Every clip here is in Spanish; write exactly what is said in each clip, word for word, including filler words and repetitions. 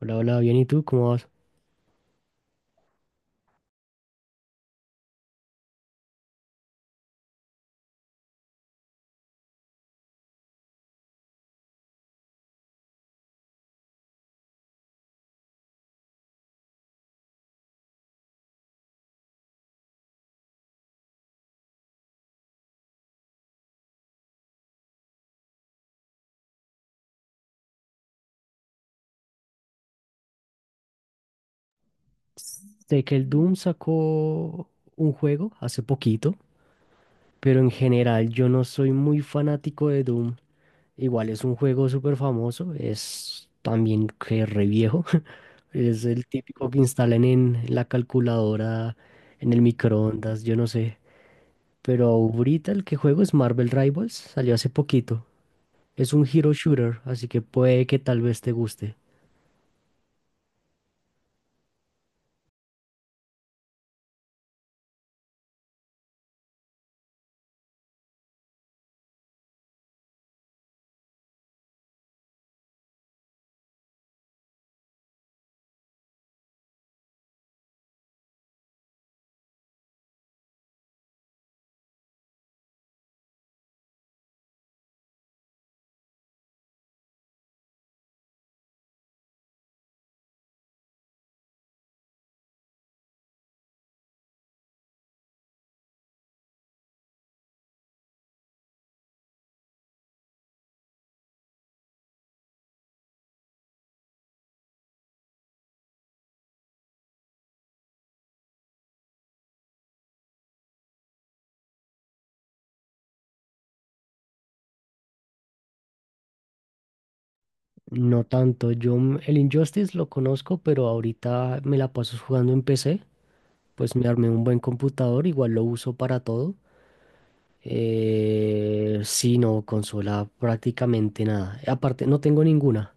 Hola, hola, bien, ¿y tú? ¿Cómo vas? Sé que el Doom sacó un juego hace poquito, pero en general yo no soy muy fanático de Doom. Igual es un juego súper famoso, es también que re viejo. Es el típico que instalan en la calculadora, en el microondas, yo no sé. Pero ahorita el que juego es Marvel Rivals, salió hace poquito. Es un hero shooter, así que puede que tal vez te guste. No tanto, yo m- el Injustice lo conozco, pero ahorita me la paso jugando en P C, pues me armé un buen computador, igual lo uso para todo. Eh, sí, no, consola prácticamente nada. Aparte, no tengo ninguna.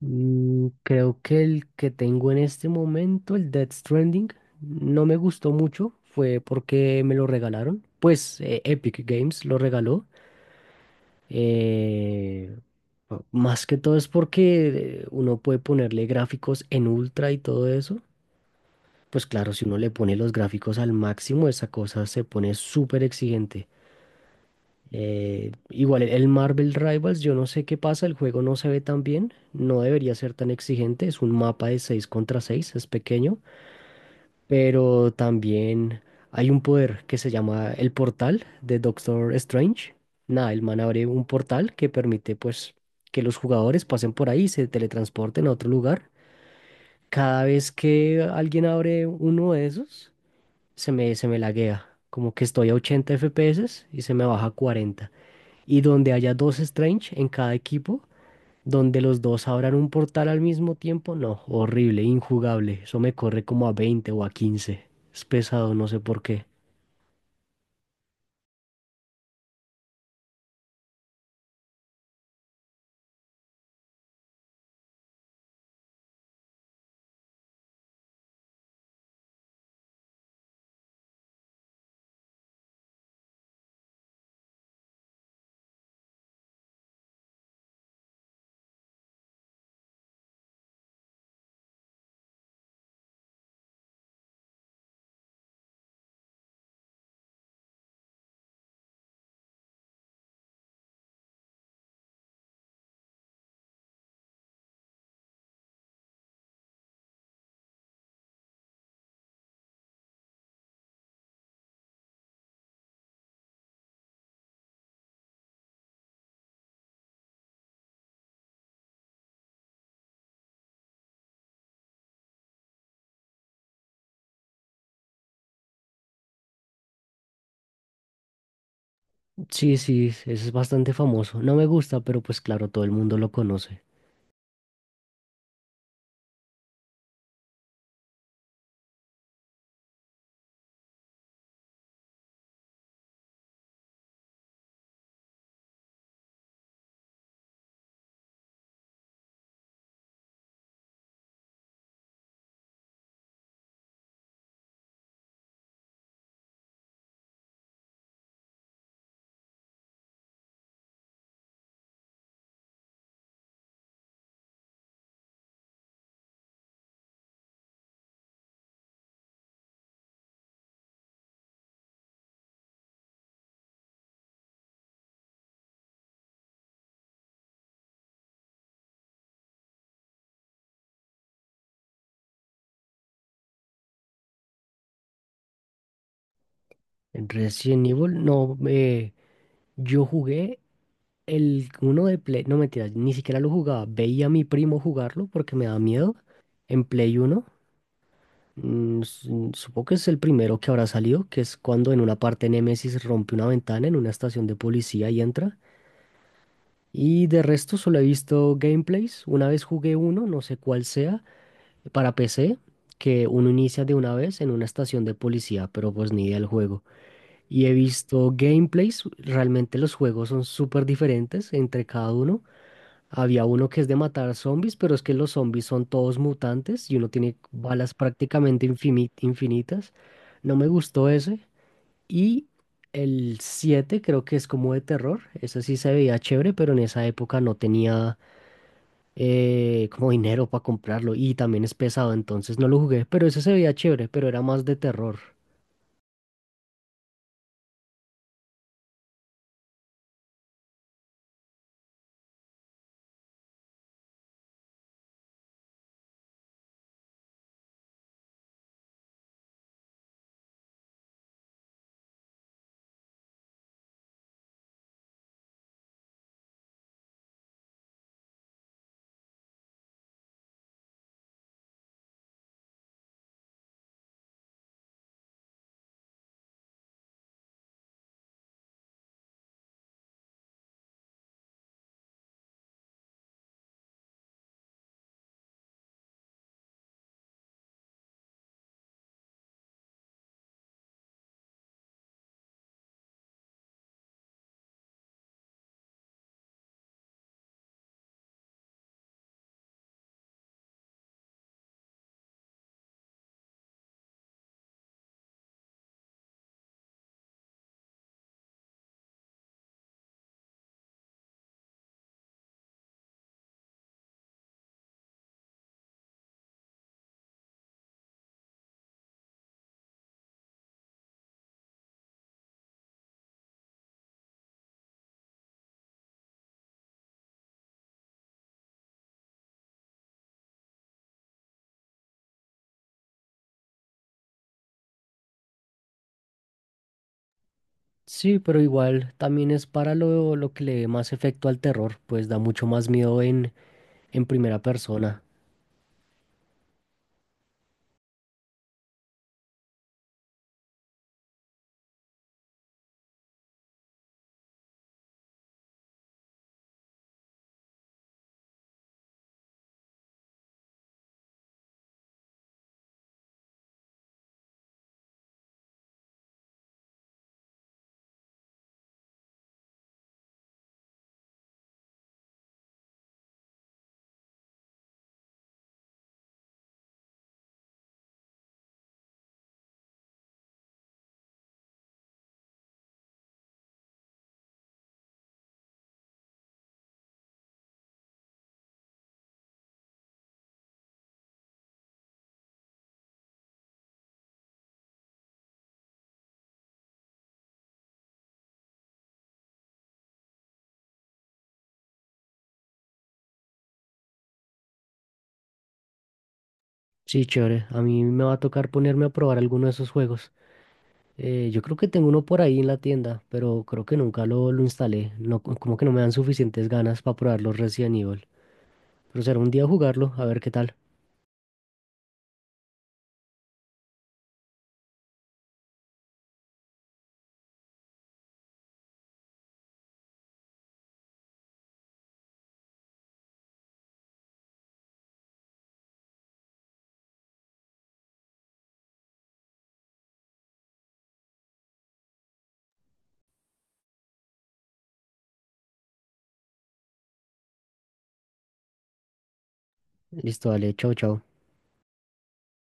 Mm, creo que el que tengo en este momento, el Death Stranding, no me gustó mucho, fue porque me lo regalaron, pues eh, Epic Games lo regaló. Eh, más que todo es porque eh, uno puede ponerle gráficos en ultra y todo eso. Pues claro, si uno le pone los gráficos al máximo, esa cosa se pone súper exigente. Eh, igual el el Marvel Rivals, yo no sé qué pasa, el juego no se ve tan bien, no debería ser tan exigente, es un mapa de seis contra seis, es pequeño, pero también hay un poder que se llama el portal de Doctor Strange. Nada, el man abre un portal que permite, pues, que los jugadores pasen por ahí y se teletransporten a otro lugar. Cada vez que alguien abre uno de esos, se me, se me laguea. Como que estoy a ochenta F P S y se me baja a cuarenta. Y donde haya dos Strange en cada equipo, donde los dos abran un portal al mismo tiempo, no, horrible, injugable. Eso me corre como a veinte o a quince. Es pesado, no sé por qué. Sí, sí, ese es bastante famoso. No me gusta, pero pues claro, todo el mundo lo conoce. Resident Evil, no, eh, yo jugué el uno de Play, no, mentira, ni siquiera lo jugaba. Veía a mi primo jugarlo porque me da miedo. En Play uno, mm, su- supongo que es el primero que habrá salido, que es cuando en una parte Nemesis rompe una ventana en una estación de policía y entra. Y de resto solo he visto gameplays. Una vez jugué uno, no sé cuál sea, para P C, que uno inicia de una vez en una estación de policía, pero pues ni idea del juego. Y he visto gameplays, realmente los juegos son súper diferentes entre cada uno. Había uno que es de matar zombies, pero es que los zombies son todos mutantes y uno tiene balas prácticamente infimi- infinitas. No me gustó ese. Y el siete creo que es como de terror. Ese sí se veía chévere, pero en esa época no tenía eh, como dinero para comprarlo y también es pesado, entonces no lo jugué, pero ese se veía chévere, pero era más de terror. Sí, pero igual también es para lo, lo que le dé más efecto al terror, pues da mucho más miedo en, en primera persona. Sí, chévere, a mí me va a tocar ponerme a probar alguno de esos juegos. Eh, yo creo que tengo uno por ahí en la tienda, pero creo que nunca lo, lo instalé, no, co- como que no me dan suficientes ganas para probar los Resident Evil. Pero será un día jugarlo, a ver qué tal. Listo, dale, chao, chao.